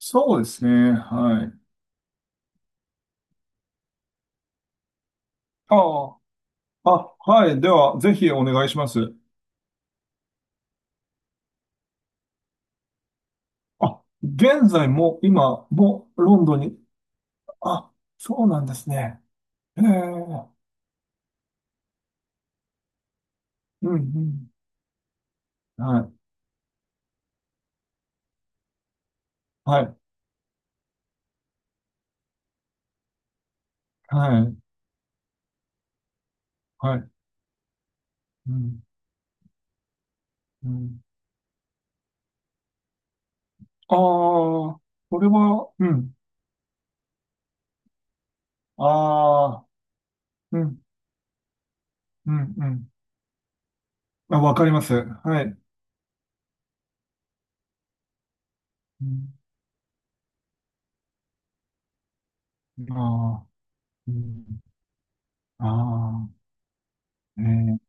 そうですね。はい。ああ、あ、はい。では、ぜひお願いします。あ、現在も、今もロンドンに、あ、そうなんですね。ええ、うん、うん。はい、はい、はい、はい。うん、うん。ああ、これは、うん。ああ、うん、うん、うん。あ、わかります。はい。うん、ああ、うん、ああ、ええ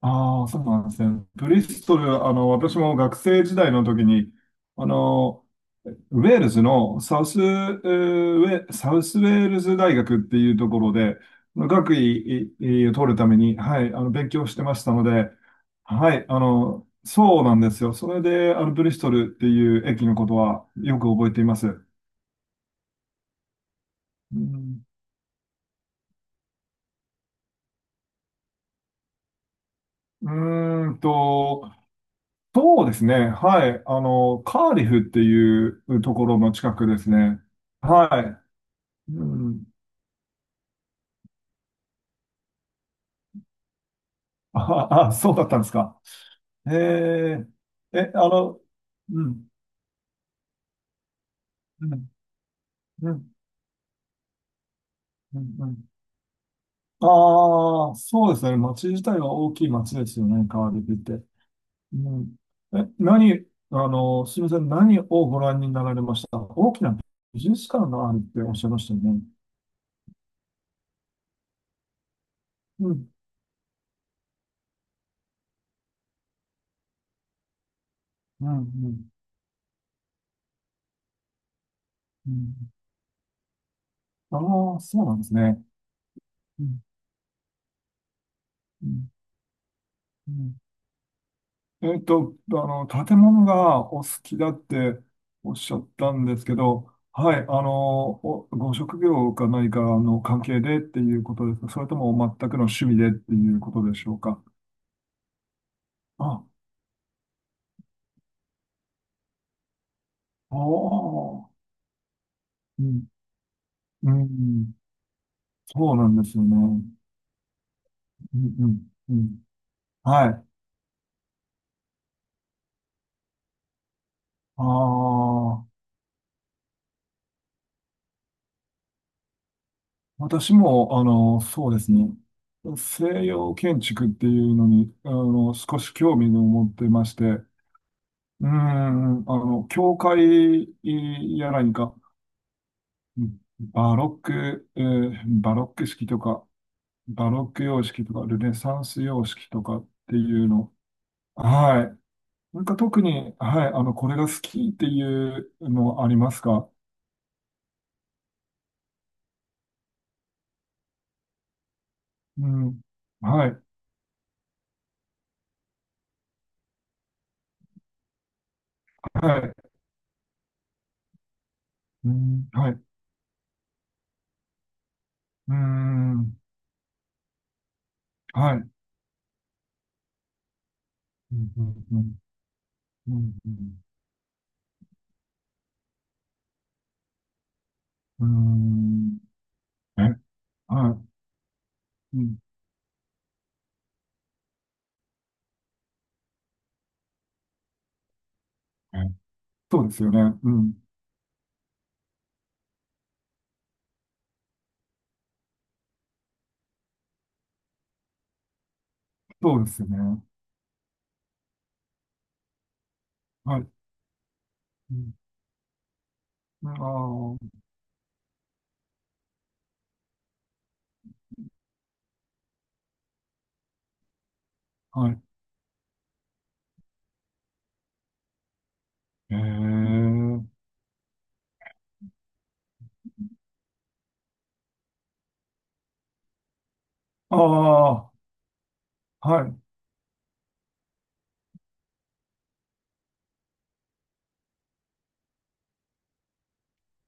ああ、そうなんですね。ブリストル、私も学生時代の時に、あの、ウェールズのサウスウェールズ大学っていうところで、学位を取るために、はい、勉強してましたので、はい、そうなんですよ。それで、ブリストルっていう駅のことはよく覚えています。うん、うーんと、そうですね。はい。カーディフっていうところの近くですね。はい。うん。あ、あ、そうだったんですか。えー、え、あの、うん、うん、うん、うん。うんああ、そうですね。町自体は大きい町ですよね、カーディフって。うん。え、何、あの、すみません。何をご覧になられました大きな美術館があるっておっしゃいましたよね？うん、うん、うん。うんああ、そうなんですね。うんうん建物がお好きだっておっしゃったんですけど、はい、ご職業か何かの関係でっていうことですか？それとも全くの趣味でっていうことでしょうか？あ、おー、うんうん、そうなんですよね。うん、うん、うん。はい。ああ、私も、そうですね。西洋建築っていうのに、少し興味を持ってまして、うーん、教会や何か、うんバロック、えーバロック式とか、バロック様式とか、ルネサンス様式とかっていうの。はい。なんか特に、はい、これが好きっていうのありますか？うん。はい。はい。うん、はい。うん。はい。うん、うん、うん。うんえ、はい。うん。えそうですよね。うん。そうですよね。はい。ああ、はい。ええ。ああ、はい、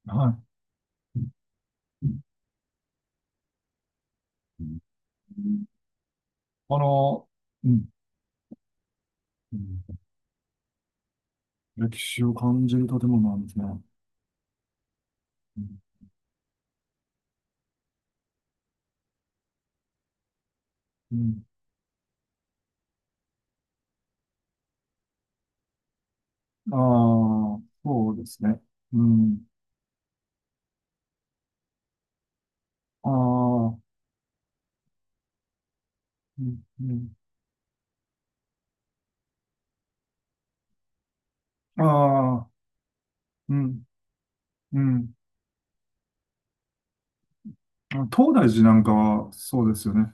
はい。うんうんあの、うん、うん。歴史を感じる建物なんですね。うん、うん、ああ、そうですね。うん。ああ、うん、うん。ああ、うん、うん。東大寺なんかはそうですよね。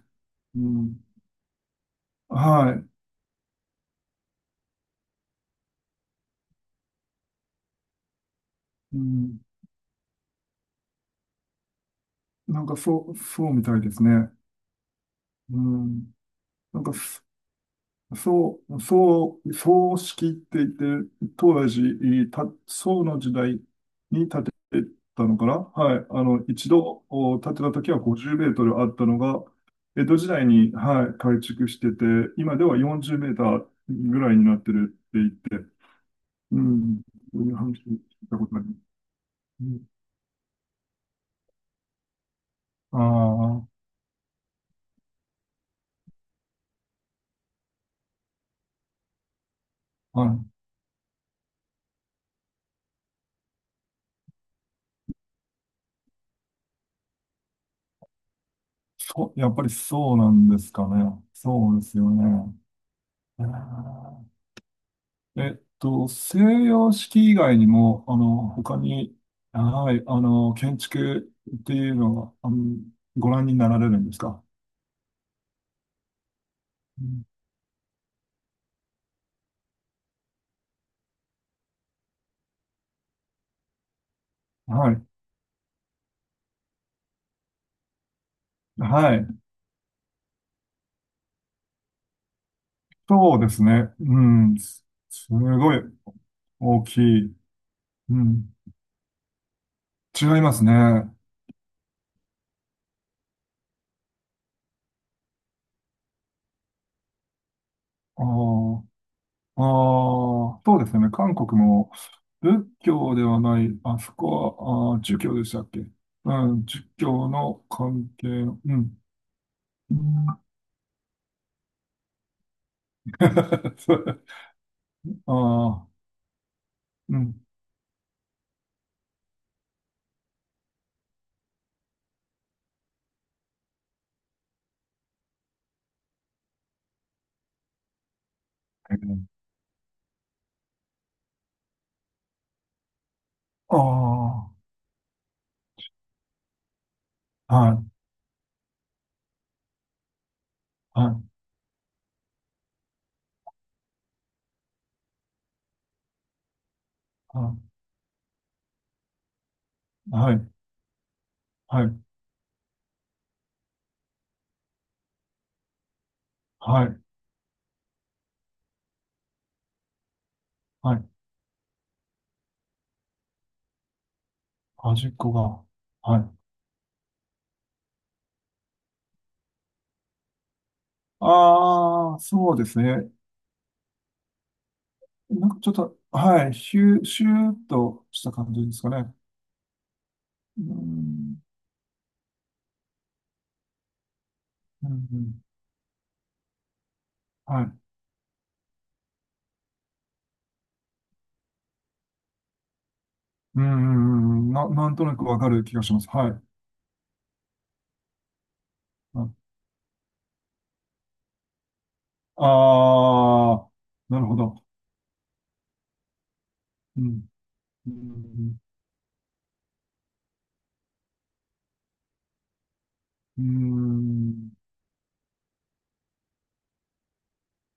うん。はい。うん。なんかそう、そうみたいですね。うん。なんかそう、葬式って言って、当時、宋の時代に建てたのかな。はい。一度お建てた時は50メートルあったのが、江戸時代に、はい、改築してて、今では40メーターぐらいになってるって言って、うん、そういう話聞いたことあります。うんああ、はい。そう、やっぱりそうなんですかね。そうですよね。あー西洋式以外にも、他に、はい、建築っていうのは、ご覧になられるんですか？うんはい、はい。そうですね。うん、すごい大きい。うん、違いますね。あーあー、そうですね。韓国も仏教ではない、あそこは、儒教でしたっけ？うん、儒教の関係の、うん。うん そうああ、うん。ああ、はい、はい、はい、はい、はい、はい、はい端っこが。はい。ああ、そうですね。なんかちょっと、はい、シュー、シューっとした感じですかね。うん、うん、うんはい。うん、うんうんなんとなくわかる気がします。はい。ああ、なるほど。うん、うん、うん、うん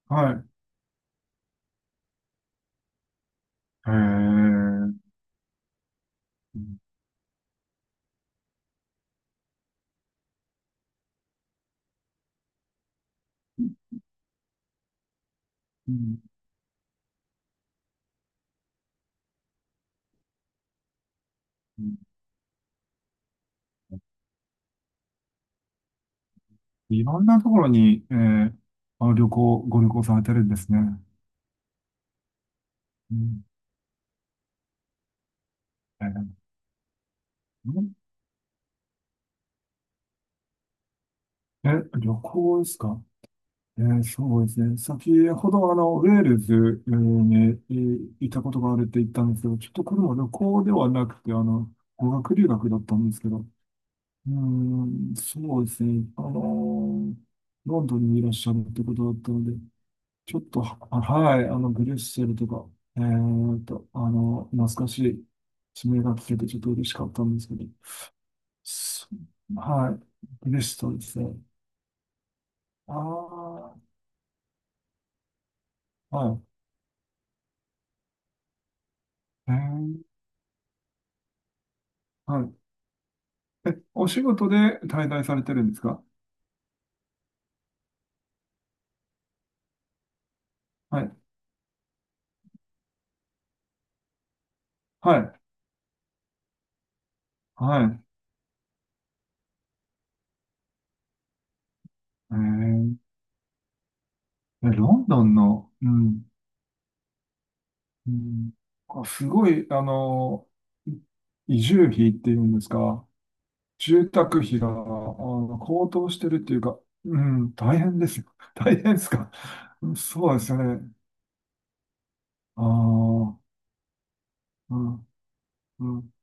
はい。へえ。うんうんいろんなところに、えーあの旅行、ご旅行されてるんですね。うん、えーんえ旅行ですか？そうですね。先ほどウェールズにいたことがあるって言ったんですけど、ちょっとこれは旅行ではなくて、語学留学だったんですけど、うーん、そうですね。ロンドンにいらっしゃるってことだったので、ちょっと、はい、ブリュッセルとか、懐かしい地名が聞けてちょっと嬉しかったんですけど、そはい、ブリストルですね。ああ、はい、はい。お仕事で滞在されてるんですか？はい、はい、はい。えー、ロンドンの、うん、うん、あ、すごい、移住費っていうんですか？住宅費が、高騰してるっていうか、うん、大変ですよ。大変ですか？そうですよね。ああ、うん、うん。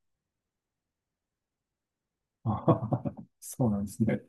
そうなんですね。